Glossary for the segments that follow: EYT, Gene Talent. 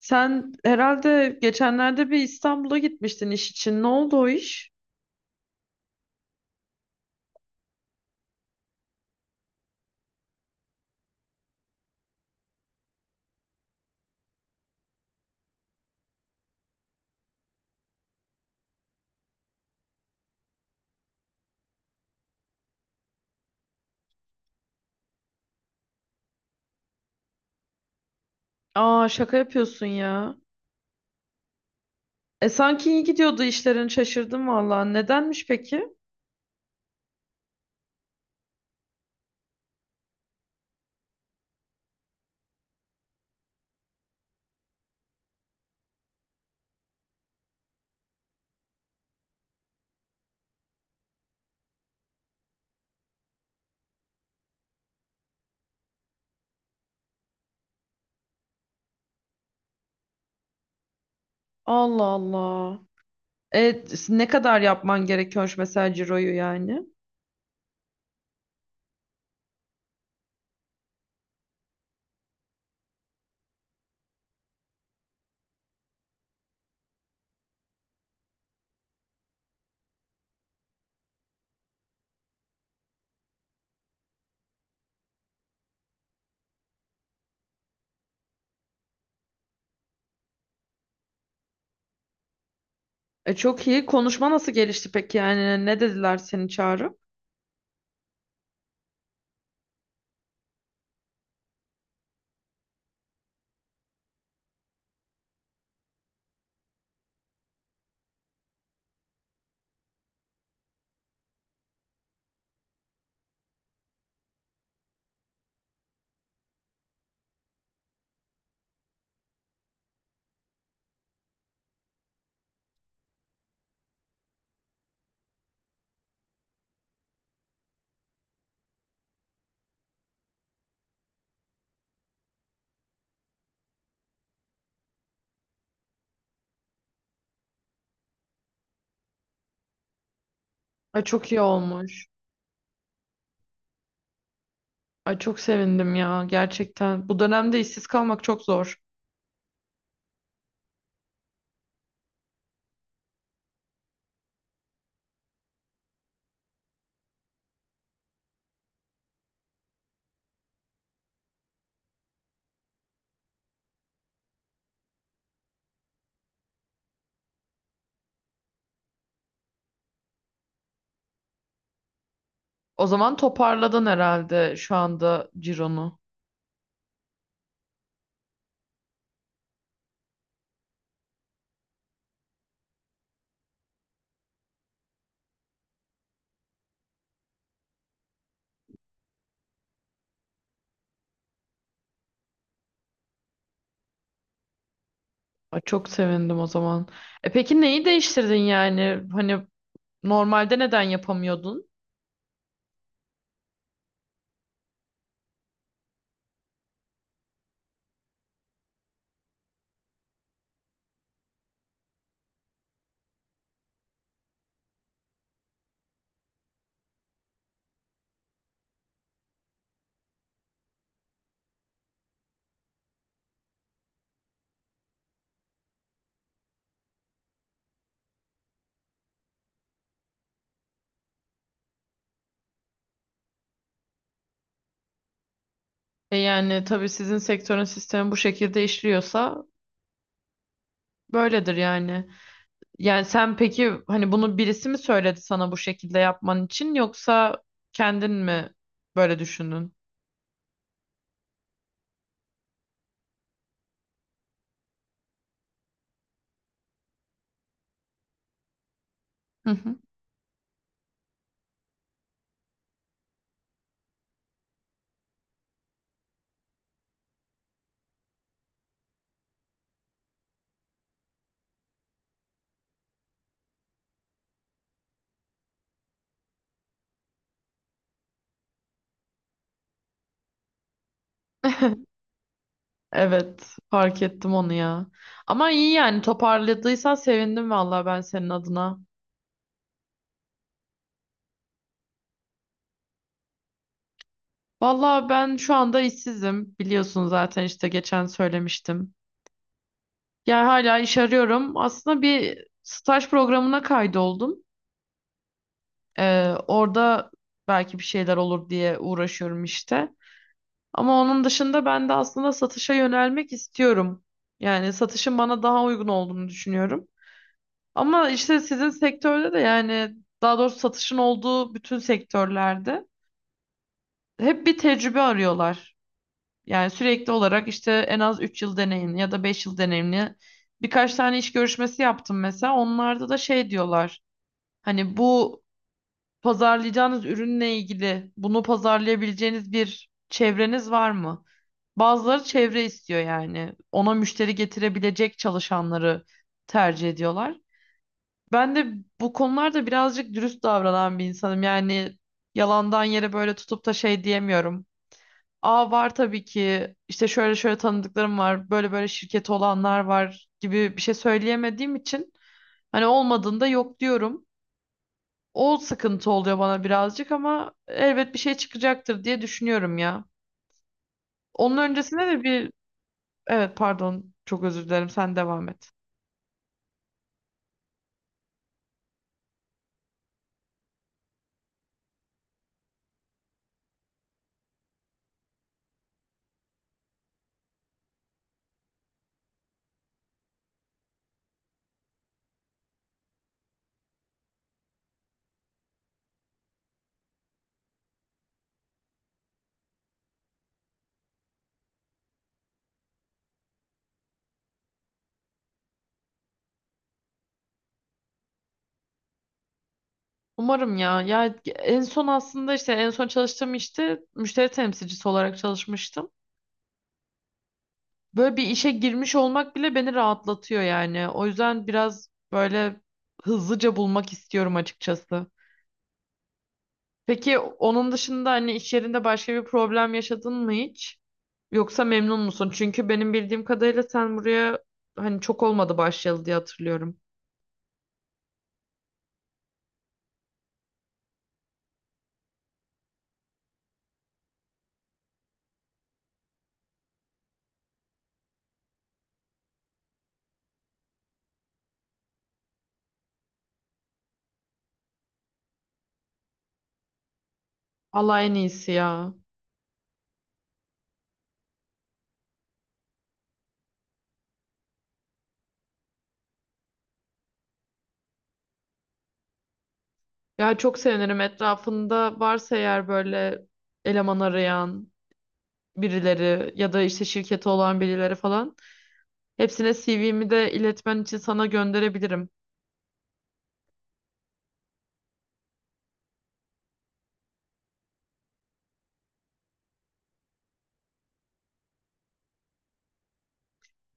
Sen herhalde geçenlerde bir İstanbul'a gitmiştin iş için. Ne oldu o iş? Aa şaka yapıyorsun ya. E sanki iyi gidiyordu işlerin, şaşırdım valla. Nedenmiş peki? Allah Allah. E ne kadar yapman gerekiyormuş mesela ciroyu yani? E çok iyi. Konuşma nasıl gelişti peki? Yani ne dediler seni çağırıp? Ay çok iyi olmuş. Ay çok sevindim ya gerçekten. Bu dönemde işsiz kalmak çok zor. O zaman toparladın herhalde şu anda cironu. Ay çok sevindim o zaman. E peki neyi değiştirdin yani? Hani normalde neden yapamıyordun? E yani tabii sizin sektörün sistemi bu şekilde işliyorsa böyledir yani. Yani sen peki hani bunu birisi mi söyledi sana bu şekilde yapman için yoksa kendin mi böyle düşündün? Hı hı. Evet, fark ettim onu ya. Ama iyi yani toparladıysan sevindim vallahi ben senin adına. Vallahi ben şu anda işsizim. Biliyorsun zaten işte geçen söylemiştim. Yani hala iş arıyorum. Aslında bir staj programına kaydoldum. Orada belki bir şeyler olur diye uğraşıyorum işte. Ama onun dışında ben de aslında satışa yönelmek istiyorum. Yani satışın bana daha uygun olduğunu düşünüyorum. Ama işte sizin sektörde de yani daha doğrusu satışın olduğu bütün sektörlerde hep bir tecrübe arıyorlar. Yani sürekli olarak işte en az 3 yıl deneyimli ya da 5 yıl deneyimli birkaç tane iş görüşmesi yaptım mesela. Onlarda da şey diyorlar. Hani bu pazarlayacağınız ürünle ilgili bunu pazarlayabileceğiniz bir çevreniz var mı? Bazıları çevre istiyor yani. Ona müşteri getirebilecek çalışanları tercih ediyorlar. Ben de bu konularda birazcık dürüst davranan bir insanım. Yani yalandan yere böyle tutup da şey diyemiyorum. Aa var tabii ki işte şöyle şöyle tanıdıklarım var, böyle böyle şirketi olanlar var gibi bir şey söyleyemediğim için hani olmadığında yok diyorum. O sıkıntı oluyor bana birazcık ama elbet bir şey çıkacaktır diye düşünüyorum ya. Onun öncesinde de bir Evet, pardon, çok özür dilerim, sen devam et. Umarım ya. Ya en son aslında işte en son çalıştığım işte müşteri temsilcisi olarak çalışmıştım. Böyle bir işe girmiş olmak bile beni rahatlatıyor yani. O yüzden biraz böyle hızlıca bulmak istiyorum açıkçası. Peki onun dışında hani iş yerinde başka bir problem yaşadın mı hiç? Yoksa memnun musun? Çünkü benim bildiğim kadarıyla sen buraya hani çok olmadı başlayalı diye hatırlıyorum. Allah en iyisi ya. Ya çok sevinirim etrafında varsa eğer böyle eleman arayan birileri ya da işte şirketi olan birileri falan. Hepsine CV'mi de iletmen için sana gönderebilirim.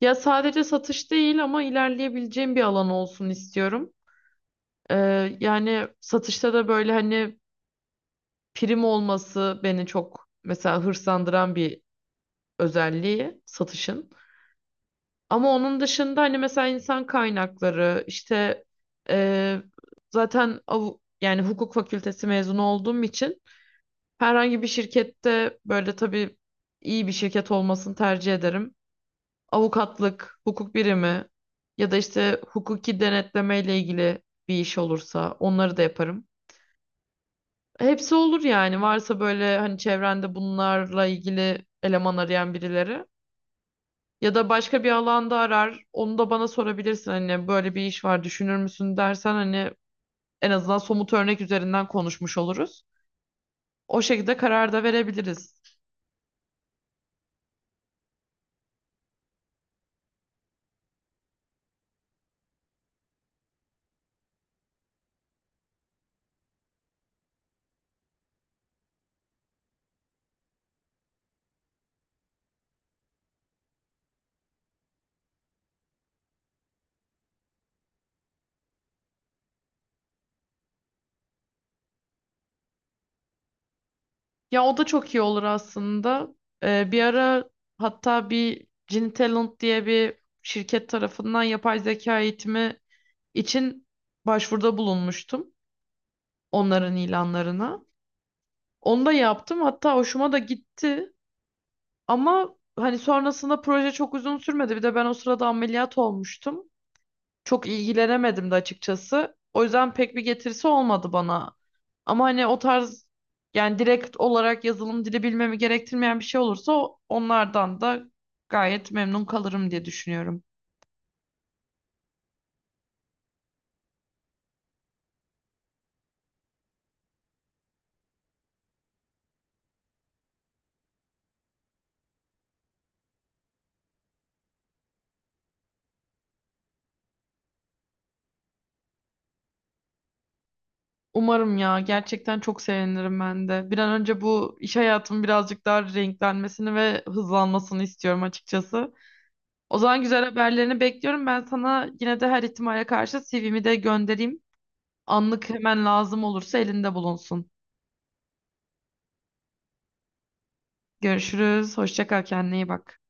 Ya sadece satış değil ama ilerleyebileceğim bir alan olsun istiyorum. Yani satışta da böyle hani prim olması beni çok mesela hırslandıran bir özelliği satışın. Ama onun dışında hani mesela insan kaynakları işte eee, zaten yani hukuk fakültesi mezunu olduğum için herhangi bir şirkette böyle tabii iyi bir şirket olmasını tercih ederim. Avukatlık, hukuk birimi ya da işte hukuki denetleme ile ilgili bir iş olursa onları da yaparım. Hepsi olur yani varsa böyle hani çevrende bunlarla ilgili eleman arayan birileri. Ya da başka bir alanda arar, onu da bana sorabilirsin hani böyle bir iş var düşünür müsün dersen hani en azından somut örnek üzerinden konuşmuş oluruz. O şekilde karar da verebiliriz. Ya o da çok iyi olur aslında. Bir ara hatta bir Gene Talent diye bir şirket tarafından yapay zeka eğitimi için başvuruda bulunmuştum onların ilanlarına. Onu da yaptım hatta hoşuma da gitti. Ama hani sonrasında proje çok uzun sürmedi. Bir de ben o sırada ameliyat olmuştum. Çok ilgilenemedim de açıkçası. O yüzden pek bir getirisi olmadı bana. Ama hani o tarz yani direkt olarak yazılım dili bilmemi gerektirmeyen bir şey olursa onlardan da gayet memnun kalırım diye düşünüyorum. Umarım ya gerçekten çok sevinirim ben de. Bir an önce bu iş hayatımın birazcık daha renklenmesini ve hızlanmasını istiyorum açıkçası. O zaman güzel haberlerini bekliyorum. Ben sana yine de her ihtimale karşı CV'mi de göndereyim. Anlık hemen lazım olursa elinde bulunsun. Görüşürüz. Hoşça kal. Kendine iyi bak.